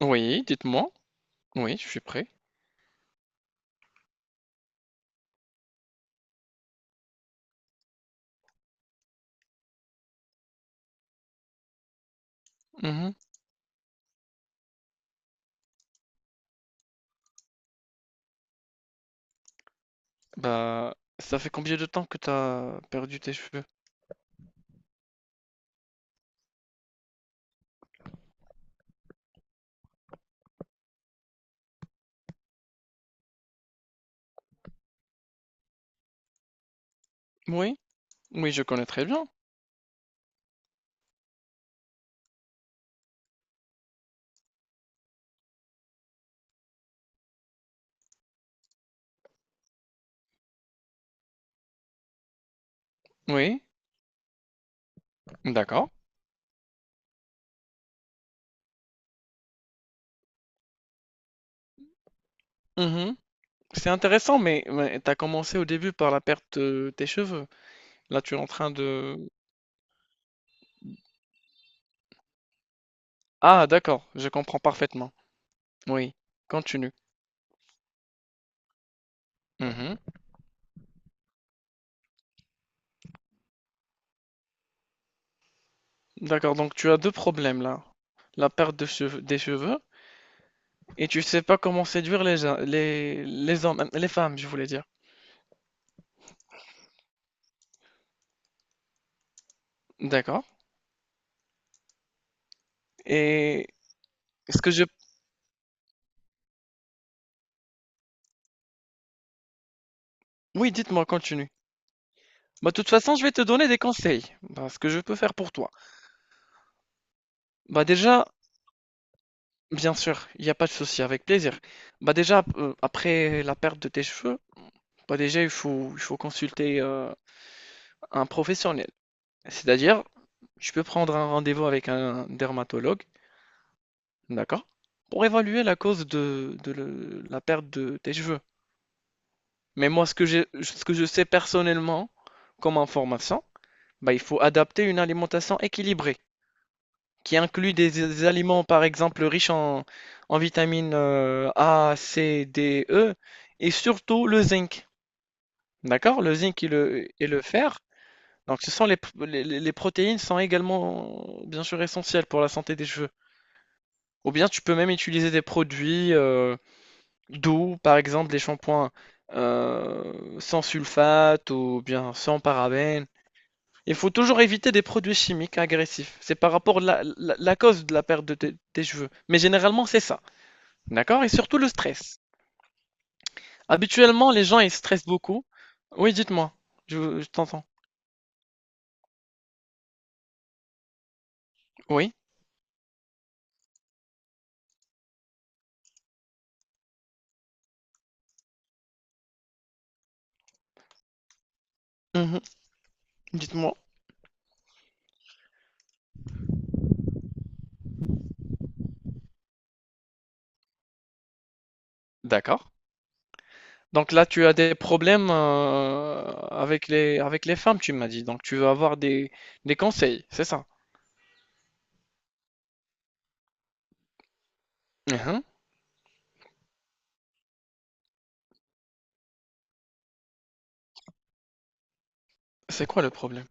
Oui, dites-moi. Oui, je suis prêt. Mmh. Ça fait combien de temps que t'as perdu tes cheveux? Oui, oui, je connais très bien. Oui, d'accord. Mmh. C'est intéressant, mais tu commencé au début par la perte de tes cheveux. Là, tu es en train de ah d'accord, je comprends parfaitement. Oui, continue. Mmh. D'accord, donc tu as 2 problèmes là. La perte de cheveux des cheveux et tu sais pas comment séduire les gens les hommes, les femmes, je voulais dire. D'accord, et est-ce que je oui, dites-moi, continue. Bah, de toute façon, je vais te donner des conseils, bah, ce que je peux faire pour toi. Bah, déjà, bien sûr, il n'y a pas de souci, avec plaisir. Bah, déjà, après la perte de tes cheveux, bah, déjà, il faut consulter un professionnel. C'est-à-dire, tu peux prendre un rendez-vous avec un dermatologue, d'accord, pour évaluer la cause de le- la perte de tes cheveux. Mais moi, ce que j'ai, ce que je sais personnellement comme information, bah, il faut adapter une alimentation équilibrée, qui inclut des aliments, par exemple, riches en, en vitamines A, C, D, E, et surtout le zinc. D'accord? Le zinc et le fer. Donc, ce sont les- protéines sont également, bien sûr, essentielles pour la santé des cheveux. Ou bien, tu peux même utiliser des produits doux, par exemple, des shampoings sans sulfate ou bien sans parabènes. Il faut toujours éviter des produits chimiques agressifs. C'est par rapport à la, la- la cause de la perte de tes cheveux. Mais généralement, c'est ça. D'accord? Et surtout le stress. Habituellement, les gens, ils stressent beaucoup. Oui, dites-moi. Je t'entends. Oui. Mhm. Dites-moi. D'accord. Donc là, tu as des problèmes avec les femmes, tu m'as dit. Donc tu veux avoir des conseils, c'est ça? Mhm. C'est quoi le problème?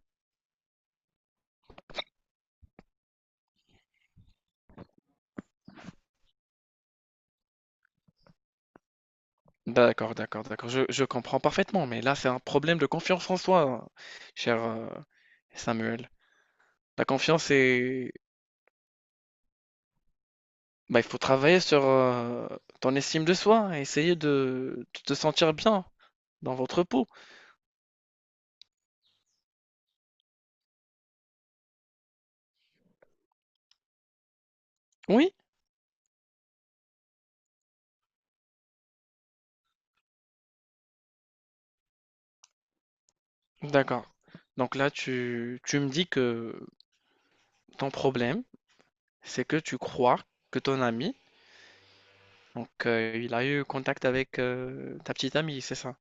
D'accord, d'accord, d'accord. Je comprends parfaitement. Mais là, c'est un problème de confiance en soi, cher Samuel. La confiance est, bah, il faut travailler sur ton estime de soi, et essayer de te sentir bien dans votre peau. Oui? D'accord. Donc là, tu me dis que ton problème, c'est que tu crois que ton ami, donc il a eu contact avec ta petite amie, c'est ça?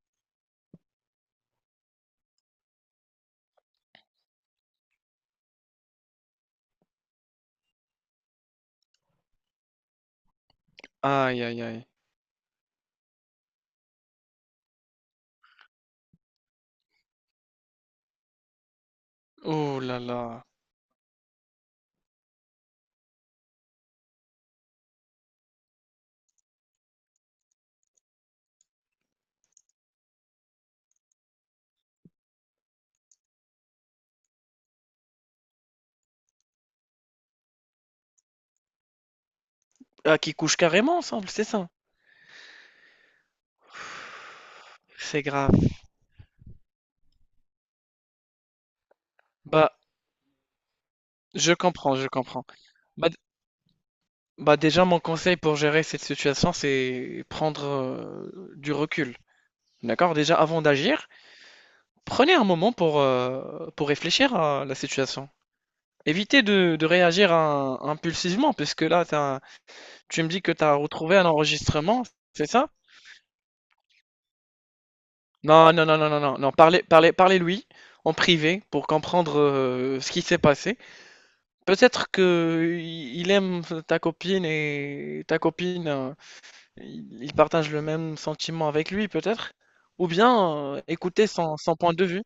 Aïe, aïe, aïe. Oh là là. Ah, qui couche carrément ensemble, c'est ça? C'est grave. Bah, je comprends, je comprends. Bah, bah déjà, mon conseil pour gérer cette situation, c'est prendre du recul. D'accord? Déjà, avant d'agir, prenez un moment pour réfléchir à la situation. Évitez de réagir à- impulsivement, puisque là, t'as- tu me dis que tu as retrouvé un enregistrement, c'est ça? Non, non, non, non, non, non, non. Parlez, parlez, parlez-lui en privé pour comprendre ce qui s'est passé. Peut-être que il aime ta copine et ta copine. Ils ils partagent le même sentiment avec lui peut-être? Ou bien, écouter son son point de vue?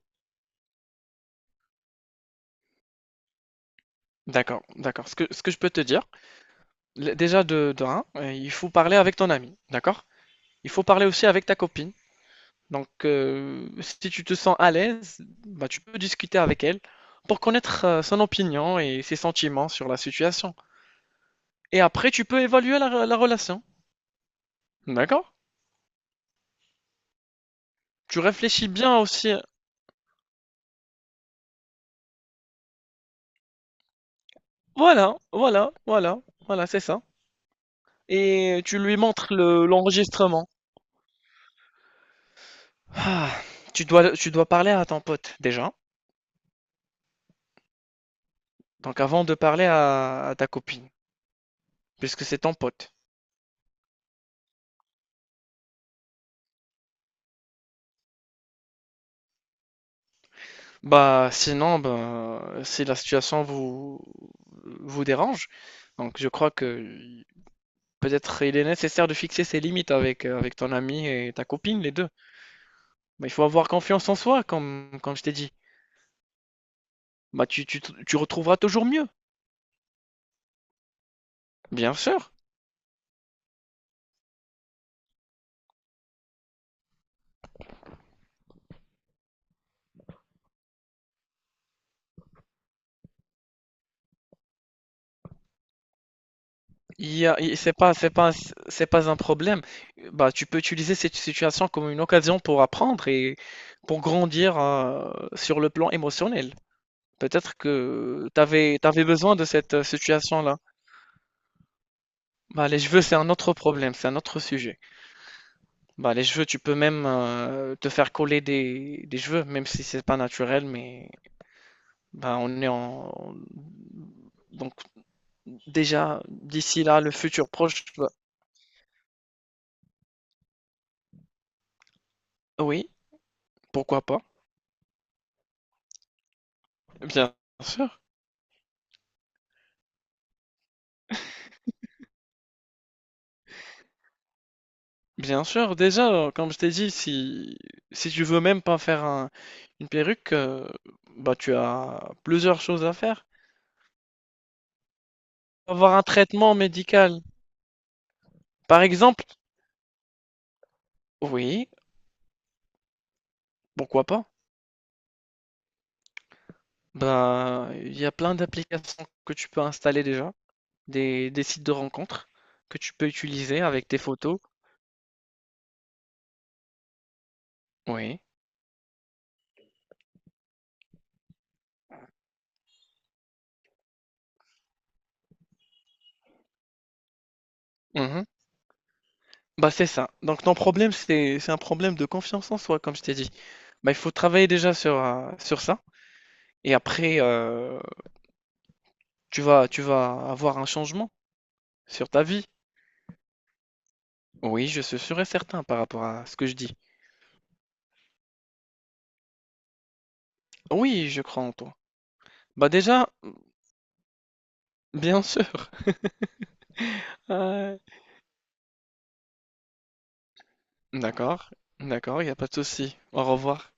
D'accord, d'accord. Ce que je peux te dire, l déjà de 1, il faut parler avec ton ami, d'accord? Il faut parler aussi avec ta copine. Donc, si tu te sens à l'aise, bah, tu peux discuter avec elle pour connaître, son opinion et ses sentiments sur la situation. Et après tu peux évaluer la re la relation, d'accord? Tu réfléchis bien aussi voilà, voilà, voilà, voilà, c'est ça. Et tu lui montres le- l'enregistrement. Ah, tu dois parler à ton pote déjà. Donc avant de parler à ta copine, puisque c'est ton pote. Bah sinon, bah, si la situation vous, vous dérange, donc je crois que peut-être il est nécessaire de fixer ses limites avec, avec ton ami et ta copine, les deux. Mais il faut avoir confiance en soi, comme, comme je t'ai dit. Bah tu, tu, tu retrouveras toujours mieux, bien sûr. Il y a- il- c'est pas, c'est pas, c'est pas un problème. Bah, tu peux utiliser cette situation comme une occasion pour apprendre et pour grandir sur le plan émotionnel. Peut-être que tu avais besoin de cette situation-là. Bah, les cheveux, c'est un autre problème, c'est un autre sujet. Bah, les cheveux, tu peux même te faire coller des cheveux, même si c'est pas naturel, mais bah, on est en... Donc, déjà, d'ici là, le futur proche, bah, oui, pourquoi pas, bien sûr. Bien sûr, déjà, comme je t'ai dit, si, si tu veux même pas faire un- une perruque, bah, tu as plusieurs choses à faire. Avoir un traitement médical, par exemple, oui, pourquoi pas? Ben il y a plein d'applications que tu peux installer déjà, des sites de rencontres que tu peux utiliser avec tes photos. Oui. Mhm. Bah, c'est ça. Donc, ton problème, c'est un problème de confiance en soi, comme je t'ai dit. Bah, il faut travailler déjà sur, sur ça. Et après, tu vas, tu vas avoir un changement sur ta vie. Oui, je suis sûr et certain par rapport à ce que je dis. Oui, je crois en toi. Bah déjà, bien sûr. Ouais. D'accord, d'accord, il n'y a pas de souci. Au revoir.